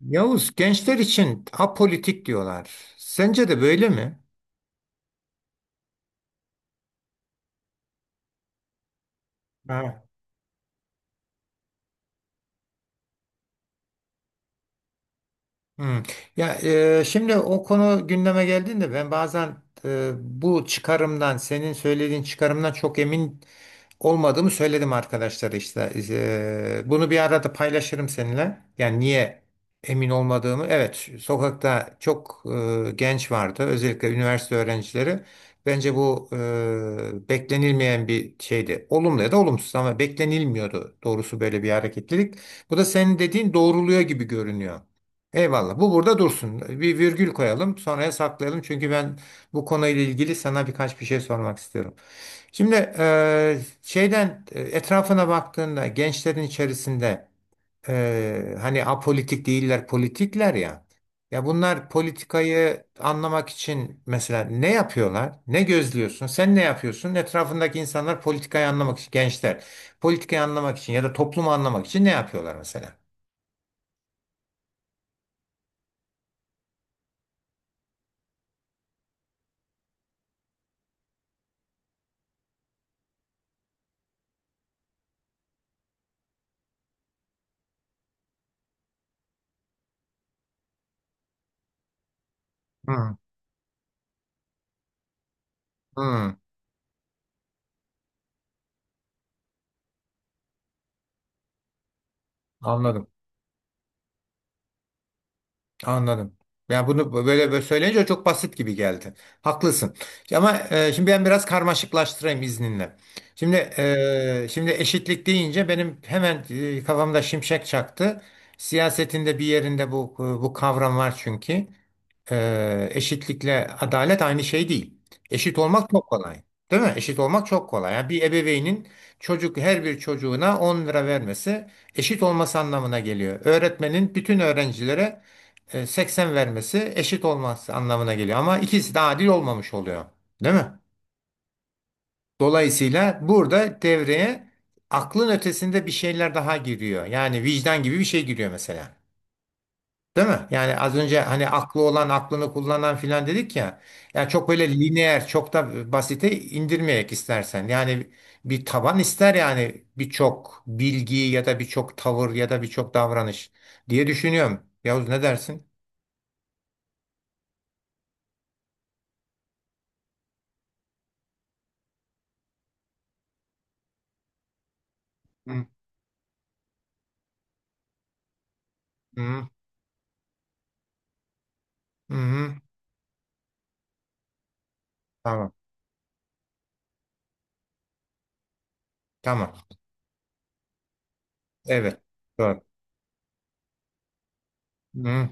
Yavuz, gençler için apolitik diyorlar. Sence de böyle mi? Ha. Hmm. Ya şimdi o konu gündeme geldiğinde ben bazen bu çıkarımdan, senin söylediğin çıkarımdan çok emin olmadığımı söyledim arkadaşlara işte. Bunu bir arada paylaşırım seninle. Yani niye emin olmadığımı. Evet, sokakta çok genç vardı. Özellikle üniversite öğrencileri. Bence bu beklenilmeyen bir şeydi. Olumlu ya da olumsuz ama beklenilmiyordu doğrusu böyle bir hareketlilik. Bu da senin dediğin doğruluyor gibi görünüyor. Eyvallah. Bu burada dursun. Bir virgül koyalım, sonraya saklayalım. Çünkü ben bu konuyla ilgili sana birkaç bir şey sormak istiyorum. Şimdi şeyden etrafına baktığında gençlerin içerisinde hani apolitik değiller politikler ya. Ya bunlar politikayı anlamak için mesela ne yapıyorlar? Ne gözlüyorsun? Sen ne yapıyorsun? Etrafındaki insanlar politikayı anlamak için gençler politikayı anlamak için ya da toplumu anlamak için ne yapıyorlar mesela? Hmm. Hmm, anladım. Anladım. Yani bunu böyle, böyle söyleyince çok basit gibi geldi. Haklısın. Ama şimdi ben biraz karmaşıklaştırayım izninle. Şimdi eşitlik deyince benim hemen kafamda şimşek çaktı. Siyasetinde bir yerinde bu kavram var çünkü. Eşitlikle adalet aynı şey değil. Eşit olmak çok kolay. Değil mi? Eşit olmak çok kolay. Yani bir ebeveynin her bir çocuğuna 10 lira vermesi eşit olması anlamına geliyor. Öğretmenin bütün öğrencilere 80 vermesi eşit olmaz anlamına geliyor. Ama ikisi de adil olmamış oluyor. Değil mi? Dolayısıyla burada devreye aklın ötesinde bir şeyler daha giriyor. Yani vicdan gibi bir şey giriyor mesela. Değil mi? Yani az önce hani aklı olan aklını kullanan filan dedik ya. Yani çok böyle lineer, çok da basite indirmeyerek istersen. Yani bir taban ister yani birçok bilgi ya da birçok tavır ya da birçok davranış diye düşünüyorum. Yavuz, ne dersin? Hı hı. Hı hı. Tamam. Tamam. Evet. Doğru. Hı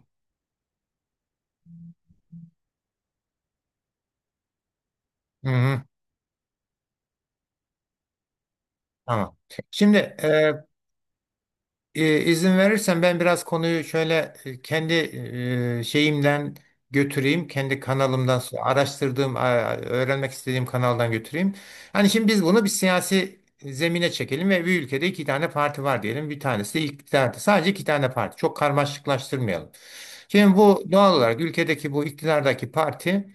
hı. Tamam. Şimdi e, izin verirsen ben biraz konuyu şöyle kendi şeyimden götüreyim. Kendi kanalımdan araştırdığım, öğrenmek istediğim kanaldan götüreyim. Hani şimdi biz bunu bir siyasi zemine çekelim ve bir ülkede iki tane parti var diyelim. Bir tanesi de iktidarda. Sadece iki tane parti. Çok karmaşıklaştırmayalım. Şimdi bu doğal olarak ülkedeki bu iktidardaki parti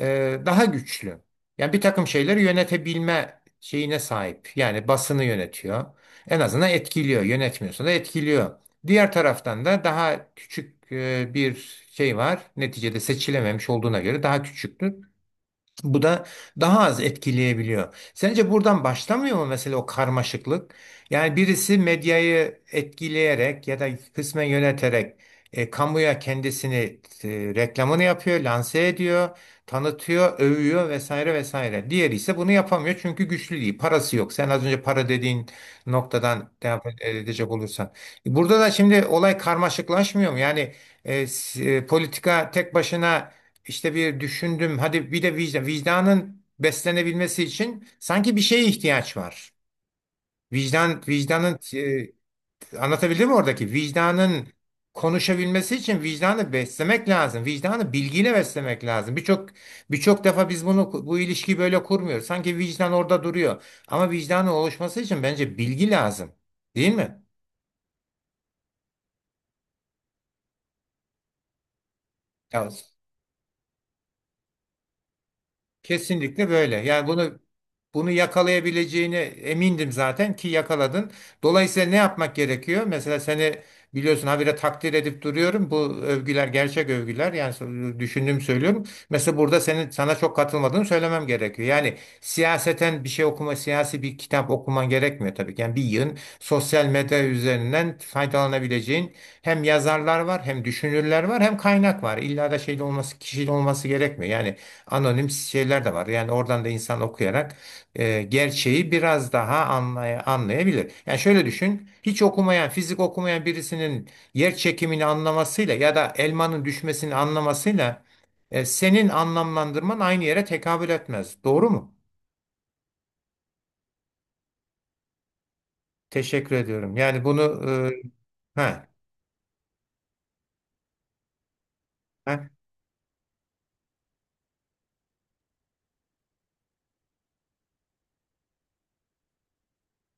daha güçlü. Yani bir takım şeyleri yönetebilme şeyine sahip. Yani basını yönetiyor. En azından etkiliyor. Yönetmiyorsa da etkiliyor. Diğer taraftan da daha küçük bir şey var. Neticede seçilememiş olduğuna göre daha küçüktür. Bu da daha az etkileyebiliyor. Sence buradan başlamıyor mu mesela o karmaşıklık? Yani birisi medyayı etkileyerek ya da kısmen yöneterek kamuya kendisini e, reklamını yapıyor, lanse ediyor, tanıtıyor, övüyor vesaire vesaire. Diğeri ise bunu yapamıyor çünkü güçlü değil, parası yok. Sen az önce para dediğin noktadan devam edecek olursan. Burada da şimdi olay karmaşıklaşmıyor mu? Yani politika tek başına işte bir düşündüm. Hadi bir de vicdan, vicdanın beslenebilmesi için sanki bir şeye ihtiyaç var. Vicdan, vicdanın e, Anlatabildim mi oradaki? Vicdanın konuşabilmesi için vicdanı beslemek lazım. Vicdanı bilgiyle beslemek lazım. Birçok defa biz bunu bu ilişkiyi böyle kurmuyoruz. Sanki vicdan orada duruyor. Ama vicdanın oluşması için bence bilgi lazım. Değil mi? Evet. Kesinlikle böyle. Yani bunu yakalayabileceğine emindim zaten ki yakaladın. Dolayısıyla ne yapmak gerekiyor? Mesela seni biliyorsun habire takdir edip duruyorum. Bu övgüler gerçek övgüler. Yani düşündüğümü söylüyorum. Mesela burada senin sana çok katılmadığını söylemem gerekiyor. Yani siyaseten bir şey okuma, siyasi bir kitap okuman gerekmiyor tabii ki. Yani bir yığın sosyal medya üzerinden faydalanabileceğin hem yazarlar var, hem düşünürler var, hem kaynak var. İlla da şeyde olması, kişiyle olması gerekmiyor. Yani anonim şeyler de var. Yani oradan da insan okuyarak gerçeği biraz daha anlayabilir. Yani şöyle düşün, hiç okumayan, fizik okumayan birisinin yer çekimini anlamasıyla ya da elmanın düşmesini anlamasıyla senin anlamlandırman aynı yere tekabül etmez. Doğru mu? Teşekkür ediyorum. Yani bunu ha, ha.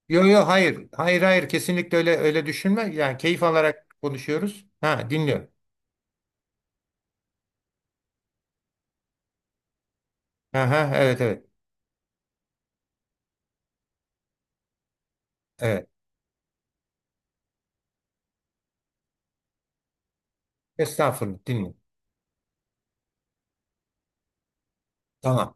Yo yo, hayır. Hayır hayır, kesinlikle öyle öyle düşünme. Yani keyif alarak konuşuyoruz. Ha, dinliyorum. Aha, evet evet. Evet. Estağfurullah, dinliyorum. Tamam.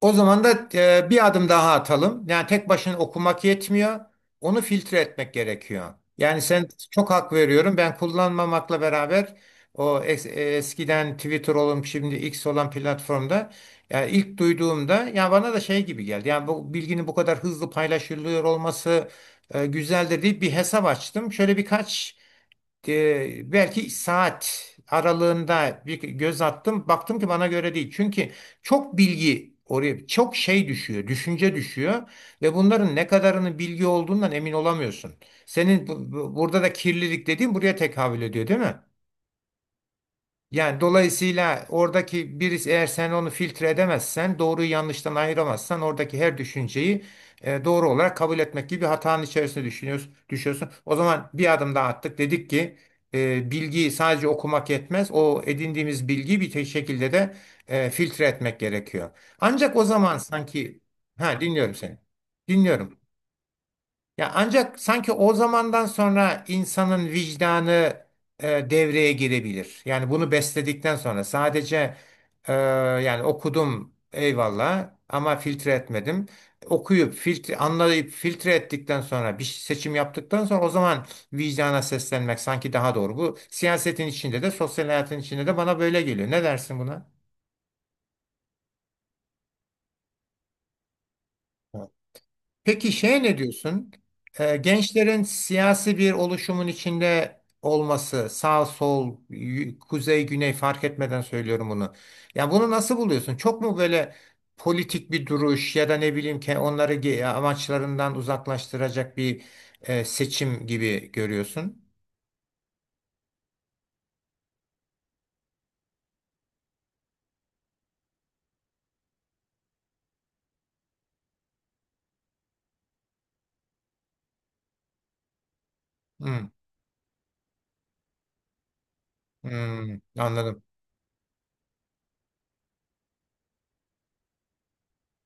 O zaman da bir adım daha atalım. Yani tek başına okumak yetmiyor. Onu filtre etmek gerekiyor. Yani sen, çok hak veriyorum. Ben kullanmamakla beraber o eskiden Twitter olup şimdi X olan platformda yani ilk duyduğumda yani bana da şey gibi geldi. Yani bu bilginin bu kadar hızlı paylaşılıyor olması güzeldir deyip bir hesap açtım. Şöyle birkaç belki saat aralığında bir göz attım. Baktım ki bana göre değil. Çünkü çok bilgi oraya çok şey düşüyor, düşünce düşüyor ve bunların ne kadarının bilgi olduğundan emin olamıyorsun. Senin burada da kirlilik dediğin buraya tekabül ediyor, değil mi? Yani dolayısıyla oradaki birisi eğer sen onu filtre edemezsen, doğruyu yanlıştan ayıramazsan oradaki her düşünceyi doğru olarak kabul etmek gibi bir hatanın içerisine düşünüyorsun, düşüyorsun. O zaman bir adım daha attık. Dedik ki bilgiyi sadece okumak yetmez. O edindiğimiz bilgiyi bir şekilde de filtre etmek gerekiyor. Ancak o zaman sanki ha, dinliyorum seni. Dinliyorum. Ya, ancak sanki o zamandan sonra insanın vicdanı devreye girebilir. Yani bunu besledikten sonra sadece e, yani okudum eyvallah ama filtre etmedim. Okuyup filtre anlayıp filtre ettikten sonra bir seçim yaptıktan sonra o zaman vicdana seslenmek sanki daha doğru. Bu siyasetin içinde de sosyal hayatın içinde de bana böyle geliyor. Ne dersin buna? Peki, ne diyorsun? Gençlerin siyasi bir oluşumun içinde olması, sağ sol, kuzey güney fark etmeden söylüyorum bunu. Ya bunu nasıl buluyorsun? Çok mu böyle politik bir duruş ya da ne bileyim ki onları amaçlarından uzaklaştıracak bir seçim gibi görüyorsun? Hmm, hmm, anladım.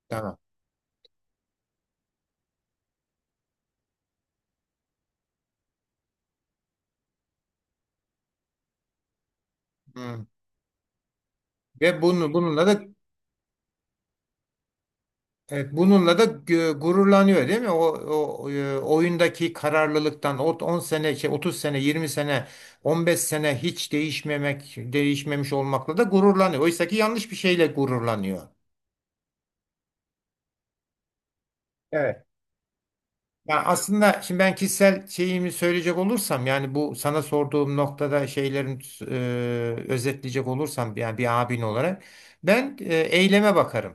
Tamam. Hmm. Ve bunu bununla da. Evet, bununla da gururlanıyor, değil mi? O oyundaki kararlılıktan, o 10 sene, 30 sene, 20 sene, 15 sene hiç değişmemek, değişmemiş olmakla da gururlanıyor. Oysa ki yanlış bir şeyle gururlanıyor. Evet. Ya aslında şimdi ben kişisel şeyimi söyleyecek olursam yani bu sana sorduğum noktada özetleyecek olursam yani bir abin olarak ben eyleme bakarım.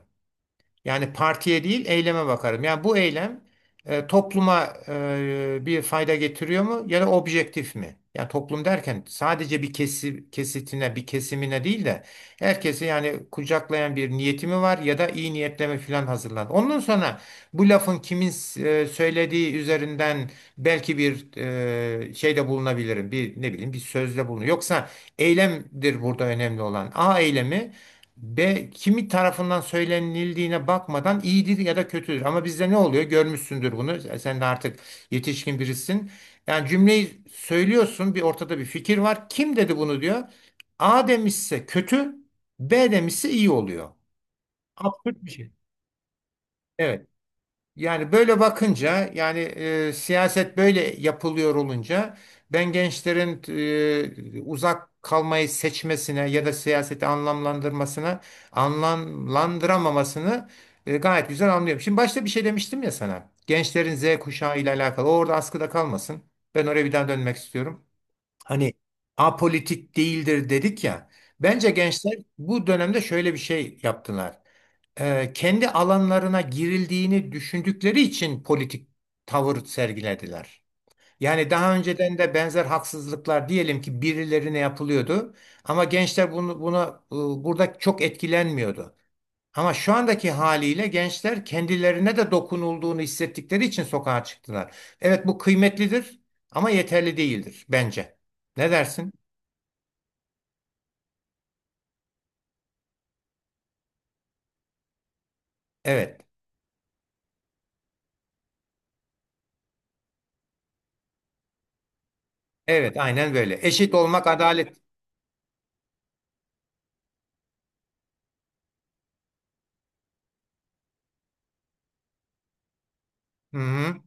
Yani partiye değil eyleme bakarım. Yani bu eylem topluma bir fayda getiriyor mu ya da objektif mi? Yani toplum derken sadece bir kesitine, bir kesimine değil de herkesi yani kucaklayan bir niyeti mi var ya da iyi niyetleme falan hazırlan. Ondan sonra bu lafın kimin söylediği üzerinden belki bir şeyde bulunabilirim. Bir ne bileyim bir sözde bulunur. Yoksa eylemdir burada önemli olan. A eylemi B kimi tarafından söylenildiğine bakmadan iyidir ya da kötüdür. Ama bizde ne oluyor? Görmüşsündür bunu. Sen de artık yetişkin birisin. Yani cümleyi söylüyorsun, bir ortada bir fikir var. Kim dedi bunu, diyor. A demişse kötü, B demişse iyi oluyor. Absürt bir şey. Evet. Yani böyle bakınca yani siyaset böyle yapılıyor olunca ben gençlerin uzak kalmayı seçmesine ya da siyaseti anlamlandırmasına anlamlandıramamasını gayet güzel anlıyorum. Şimdi başta bir şey demiştim ya sana. Gençlerin Z kuşağı ile alakalı. O orada askıda kalmasın. Ben oraya bir daha dönmek istiyorum. Hani apolitik değildir dedik ya. Bence gençler bu dönemde şöyle bir şey yaptılar, kendi alanlarına girildiğini düşündükleri için politik tavır sergilediler. Yani daha önceden de benzer haksızlıklar diyelim ki birilerine yapılıyordu ama gençler bunu buna burada çok etkilenmiyordu. Ama şu andaki haliyle gençler kendilerine de dokunulduğunu hissettikleri için sokağa çıktılar. Evet, bu kıymetlidir ama yeterli değildir bence. Ne dersin? Evet. Evet, aynen böyle. Eşit olmak adalet. Hı hı.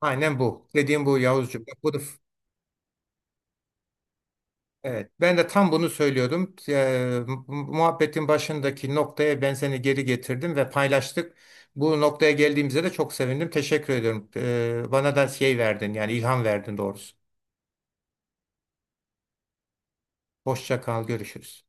Aynen bu. Dediğim bu, Yavuzcuğum. Bak, evet, ben de tam bunu söylüyordum. Muhabbetin başındaki noktaya ben seni geri getirdim ve paylaştık. Bu noktaya geldiğimize de çok sevindim. Teşekkür ediyorum. Bana da şey verdin yani ilham verdin doğrusu. Hoşça kal, görüşürüz.